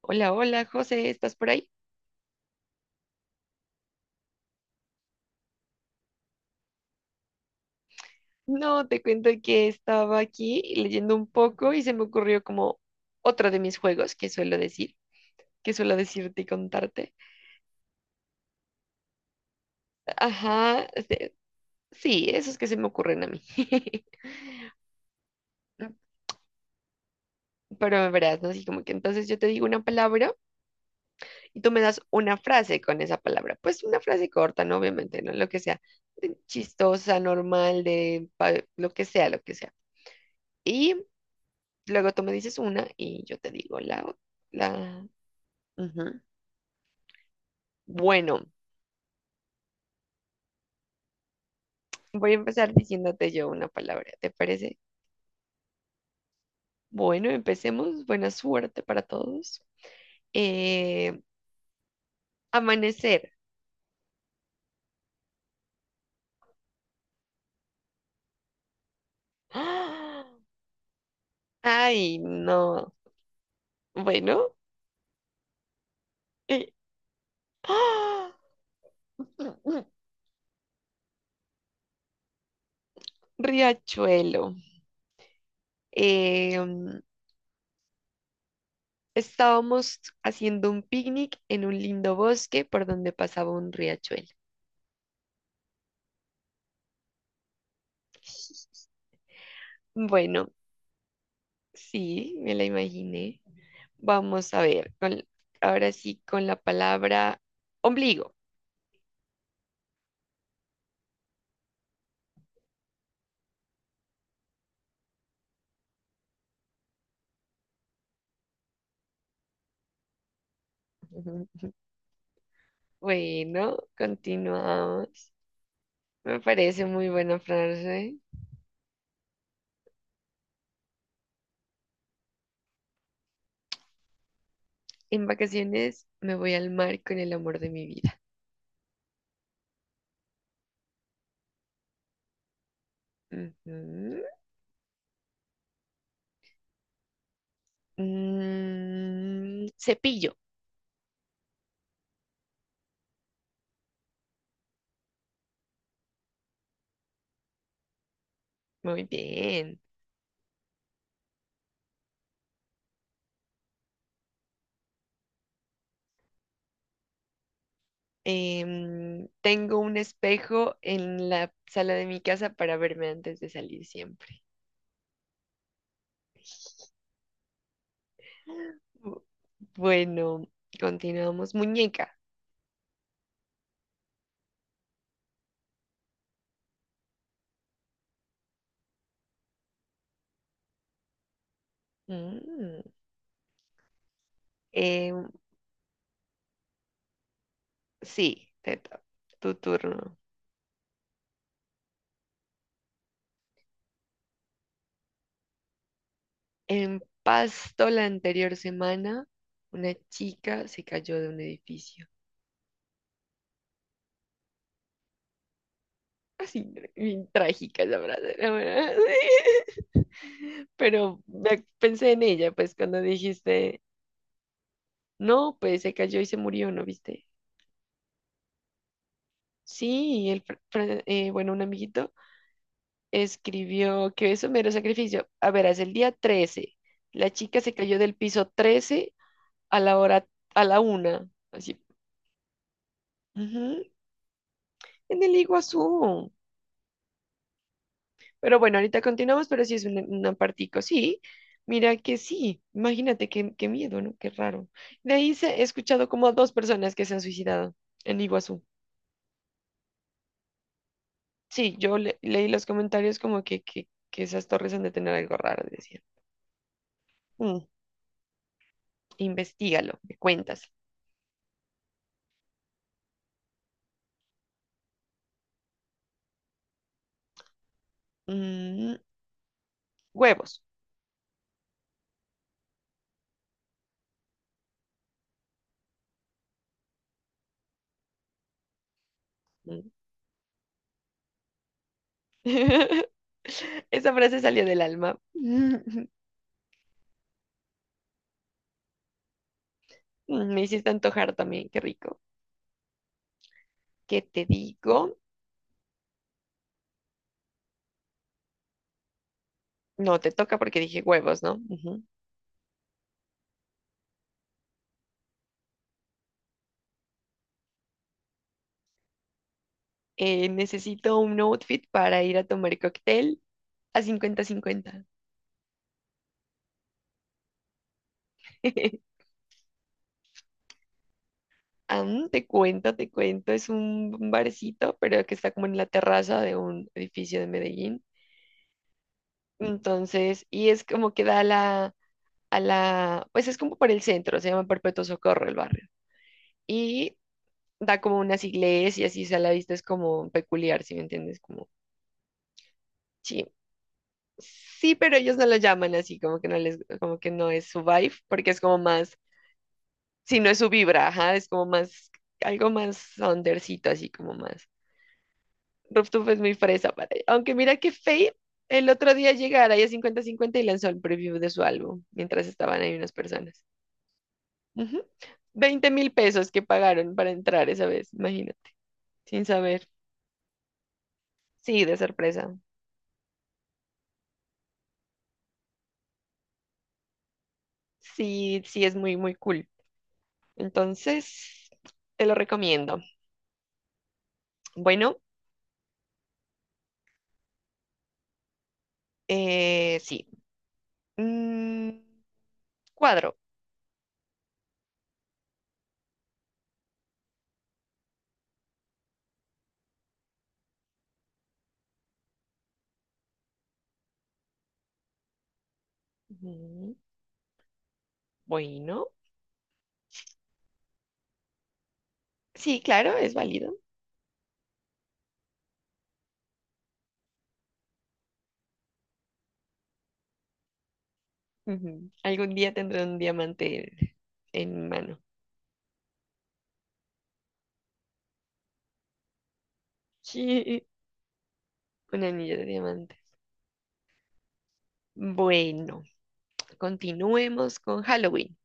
Hola, hola, José, ¿estás por ahí? No, te cuento que estaba aquí leyendo un poco y se me ocurrió como otro de mis juegos que suelo decir, que suelo decirte y contarte. Ajá, este, sí, esos que se me ocurren a mí. Pero me verás, ¿no? Así como que entonces yo te digo una palabra y tú me das una frase con esa palabra. Pues una frase corta, ¿no? Obviamente, ¿no? Lo que sea, de chistosa, normal, lo que sea, lo que sea. Y luego tú me dices una y yo te digo la otra. Ujú. Bueno, voy a empezar diciéndote yo una palabra, ¿te parece? Bueno, empecemos. Buena suerte para todos. Eh, amanecer. ¡Ah! Ay, no. Bueno. eh, ¡ah! Riachuelo. Eh, mm, estábamos haciendo un picnic en un lindo bosque por donde pasaba un riachuelo. Bueno, sí, me la imaginé. Vamos a ver, con, ahora sí con la palabra ombligo. Bueno, continuamos. Me parece muy buena frase. En vacaciones me voy al mar con el amor de mi vida. Ujú. Mm, cepillo. Muy bien. Tengo un espejo en la sala de mi casa para verme antes de salir siempre. Bu- Bueno, continuamos. Muñeca. Mm. Em, sí, tu turno. En Pasto la anterior semana, una chica se cayó de un edificio. Así, bien trágica esa frase, la verdad. Pensé en ella, pues cuando dijiste, no, pues se cayó y se murió, ¿no viste? Sí, el, bueno, un amiguito escribió que eso mero sacrificio. A ver, es el día 13. La chica se cayó del piso 13 a la hora, a la una. Así. Ujú. En el Iguazú. Pero bueno, ahorita continuamos, pero sí es un apartico, sí. Mira que sí, imagínate qué miedo, ¿no? Qué raro. De ahí se, he escuchado como a dos personas que se han suicidado en Iguazú. Sí, leí los comentarios como que esas torres han de tener algo raro, decían. Mm, investígalo, me cuentas. Mm, huevos. Mm. Esa frase salió del alma. Mm, me hiciste antojar también, qué rico. ¿Qué te digo? No, te toca porque dije huevos, ¿no? Ujú. Necesito un outfit para ir a tomar cóctel a cincuenta-cincuenta. Am, te cuento, te cuento. Es un barcito, pero que está como en la terraza de un edificio de Medellín. Entonces, y es como que da a a la, pues es como por el centro, se llama Perpetuo Socorro el barrio. Y da como unas iglesias y así, o sea, la vista es como peculiar, si me entiendes, como, sí. Sí, pero ellos no lo llaman así, como que no les, como que no es su vibe, porque es como más, si no es su vibra, ajá, es como más, algo más undercito, así como más. Rooftop es muy fresa para... Aunque mira que Faye el otro día llegara a cincuenta cincuenta y lanzó el preview de su álbum, mientras estaban ahí unas personas. Ujú. 20 mil pesos que pagaron para entrar esa vez, imagínate, sin saber. Sí, de sorpresa. Sí, sí, es muy, muy cool. Entonces, te lo recomiendo. Bueno, eh, sí. Mm, cuadro. Ujú, bueno. Sí, claro, es válido. Ujú. Algún día tendré un diamante en mi mano. Sí, un anillo de diamante. Bueno, continuemos con Halloween.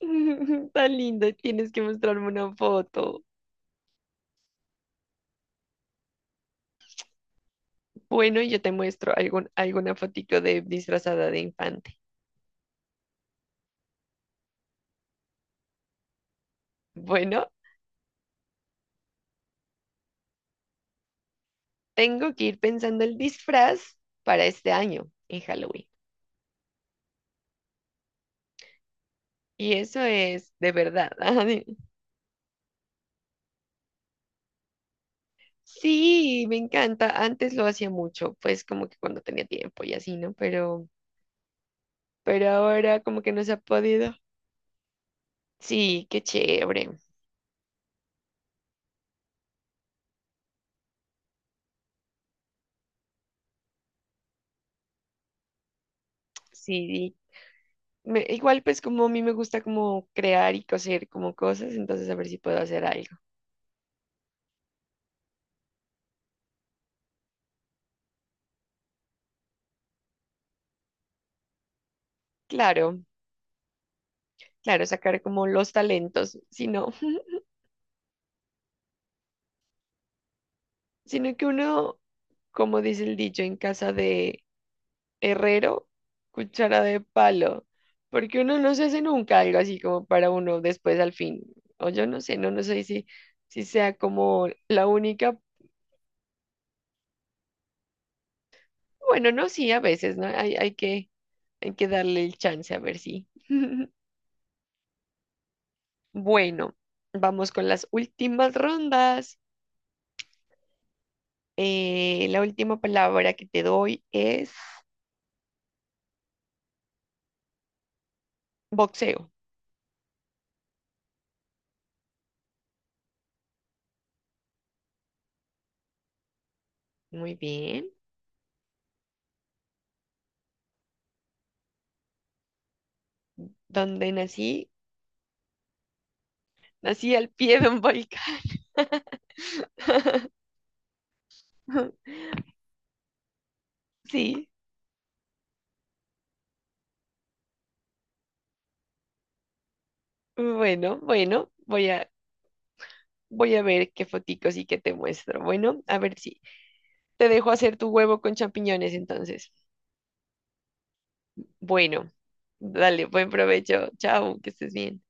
Tan lindo, tienes que mostrarme una foto. Bueno, yo te muestro alguna fotito de disfrazada de infante. Bueno, tengo que ir pensando el disfraz para este año en Halloween. Y eso es de verdad. ajá, de- Sí, me encanta. Antes lo hacía mucho, pues como que cuando tenía tiempo y así, ¿no? Pero ahora como que no se ha podido. Sí, qué chévere. Sí, igual pues como a mí me gusta como crear y coser como cosas, entonces a ver si puedo hacer algo. Claro, claro, sacar como los talentos, sino, sino que uno, como dice el dicho en casa de herrero, cuchara de palo, porque uno no se hace nunca algo así como para uno después al fin, o yo no sé, no, no sé si, si sea como la única, bueno, no, sí, a veces, ¿no? Hay que darle el chance a ver si. Bueno, vamos con las últimas rondas. La última palabra que te doy es boxeo. Muy bien. ¿Dónde nací? Nací al pie de un volcán. Sí. Bueno, bueno, voy a ver qué foticos y qué te muestro. Bueno, a ver si te dejo hacer tu huevo con champiñones entonces. Bueno, dale, buen provecho. Chao, que estés bien.